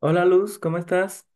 Hola Luz, ¿cómo estás?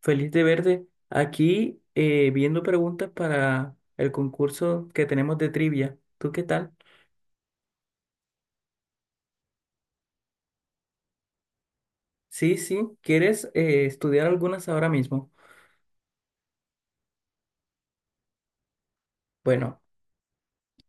Feliz de verte. Aquí viendo preguntas para el concurso que tenemos de trivia. ¿Tú qué tal? Sí, sí. ¿Quieres estudiar algunas ahora mismo? Bueno,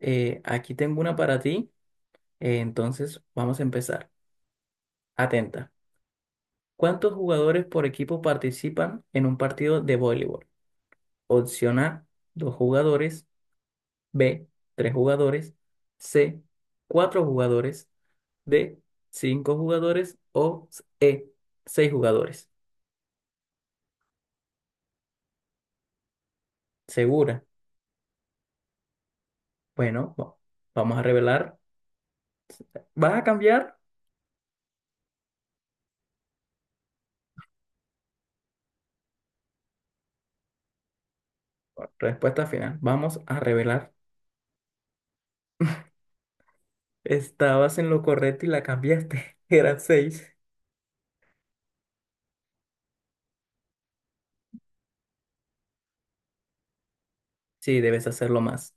aquí tengo una para ti. Entonces vamos a empezar. Atenta. ¿Cuántos jugadores por equipo participan en un partido de voleibol? Opción A, dos jugadores. B, tres jugadores. C, cuatro jugadores. De cinco jugadores, o E, seis jugadores. ¿Segura? Bueno, vamos a revelar. ¿Vas a cambiar? Respuesta final. Vamos a revelar. Estabas en lo correcto y la cambiaste. Eran seis. Sí, debes hacerlo más.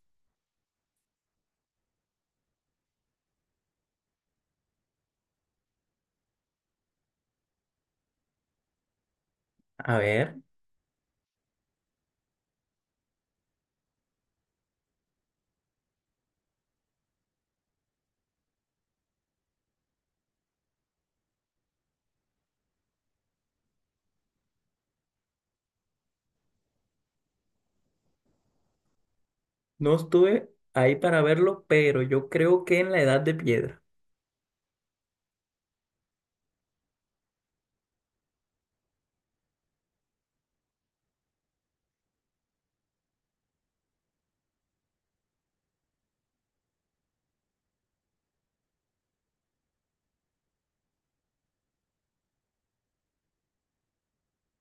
A ver, no estuve ahí para verlo, pero yo creo que en la edad de piedra.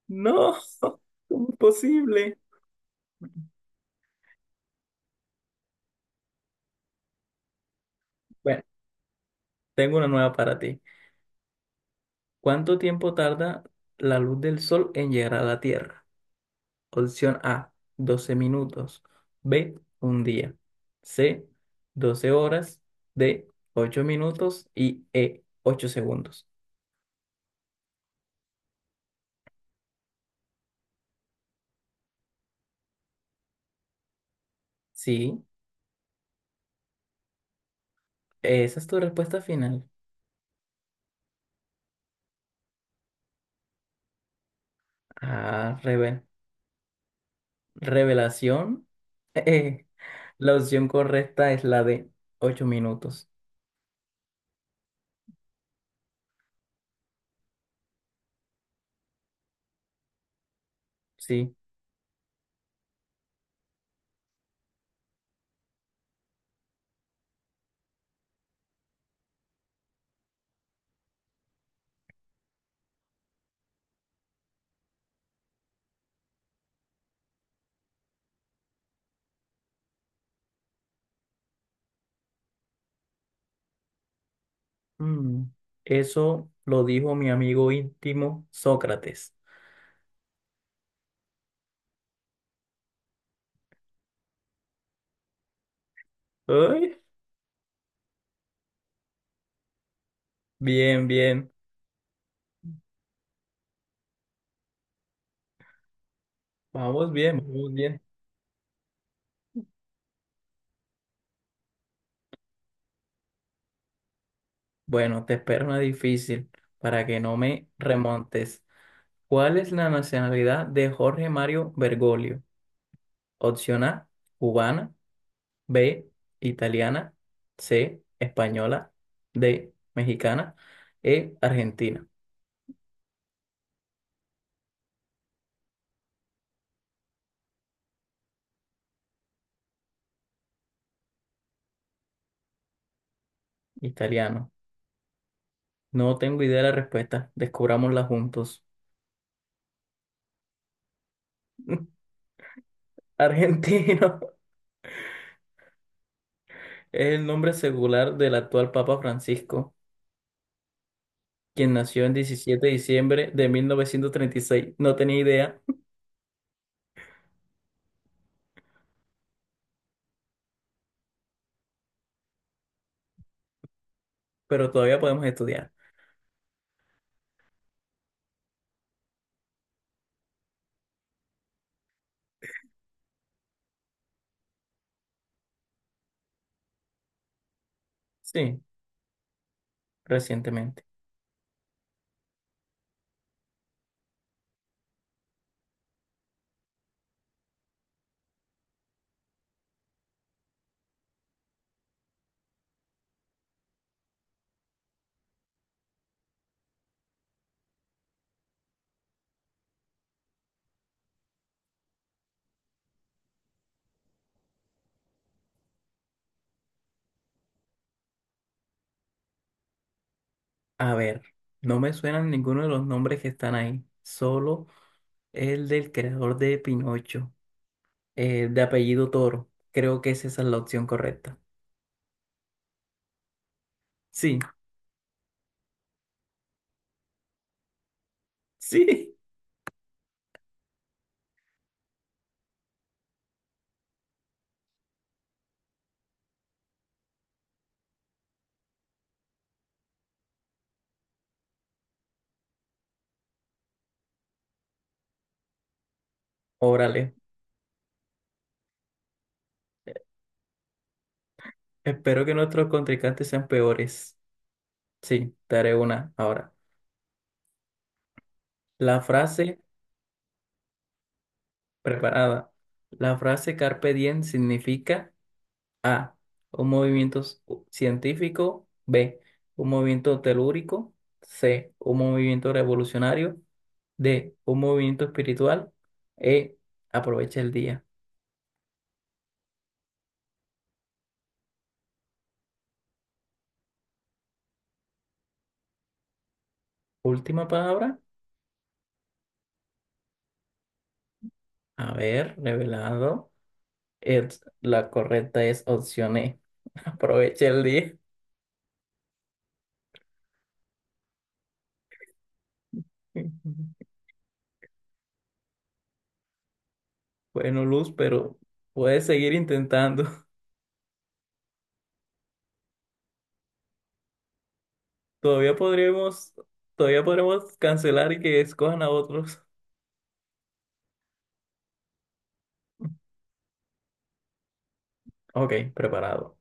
No, ¿cómo es posible? Bueno, tengo una nueva para ti. ¿Cuánto tiempo tarda la luz del sol en llegar a la Tierra? Opción A, 12 minutos. B, un día. C, 12 horas. D, 8 minutos. Y E, 8 segundos. Sí, esa es tu respuesta final. Ah, revelación. Eh, la opción correcta es la de 8 minutos. Sí. Mm, Eso lo dijo mi amigo íntimo Sócrates. Ay, bien, bien. Vamos bien, vamos bien. Bueno, te espero una difícil para que no me remontes. ¿Cuál es la nacionalidad de Jorge Mario Bergoglio? Opción A, cubana. B, italiana. C, española. D, mexicana. E, argentina. Italiano. No tengo idea de la respuesta, descubrámosla juntos. Argentino es el nombre secular del actual Papa Francisco, quien nació el 17 de diciembre de 1936. No tenía idea. Pero todavía podemos estudiar. Sí, recientemente. A ver, no me suenan ninguno de los nombres que están ahí, solo el del creador de Pinocho, de apellido Toro. Creo que esa es la opción correcta. Sí, sí. Órale, espero que nuestros contrincantes sean peores. Sí, te haré una ahora. La frase preparada. La frase carpe diem significa: A, un movimiento científico. B, un movimiento telúrico. C, un movimiento revolucionario. D, un movimiento espiritual. E, aprovecha el día. Última palabra. A ver, revelado. La correcta es opción E. Aprovecha el día. Bueno, Luz, pero puedes seguir intentando. Todavía podremos, todavía podremos cancelar y que escojan a otros. Ok, preparado.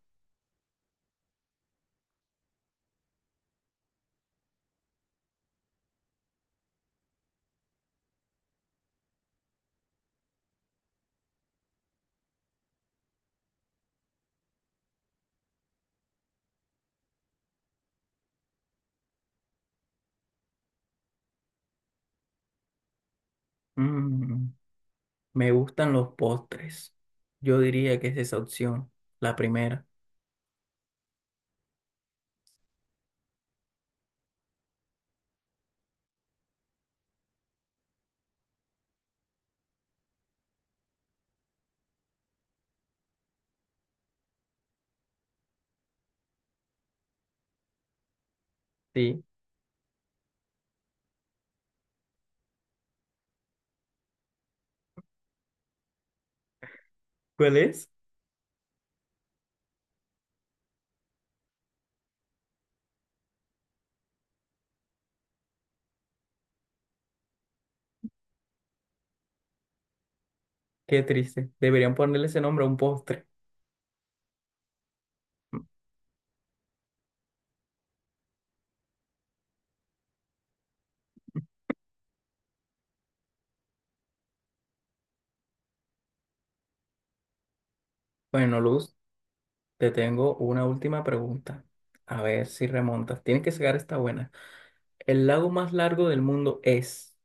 Mm. Me gustan los postres. Yo diría que es esa opción, la primera. Sí. ¿Cuál es? Qué triste. Deberían ponerle ese nombre a un postre. Bueno, Luz, te tengo una última pregunta. A ver si remontas. Tienes que sacar esta buena. ¿El lago más largo del mundo es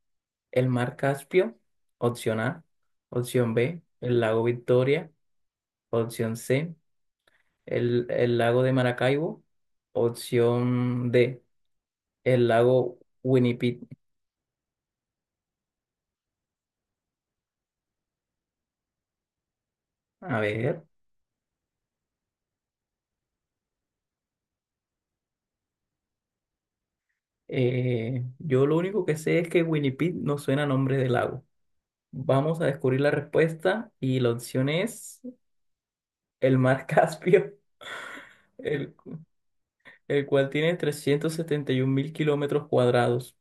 el mar Caspio? Opción A. Opción B, el lago Victoria. Opción C, el lago de Maracaibo. Opción D, el lago Winnipeg. A ver. Yo lo único que sé es que Winnipeg no suena a nombre de lago. Vamos a descubrir la respuesta, y la opción es el mar Caspio, el, el cual tiene 371 mil kilómetros cuadrados.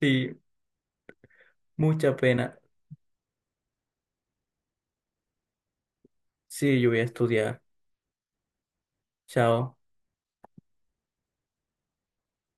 Sí, mucha pena. Sí, yo voy a estudiar. Chao.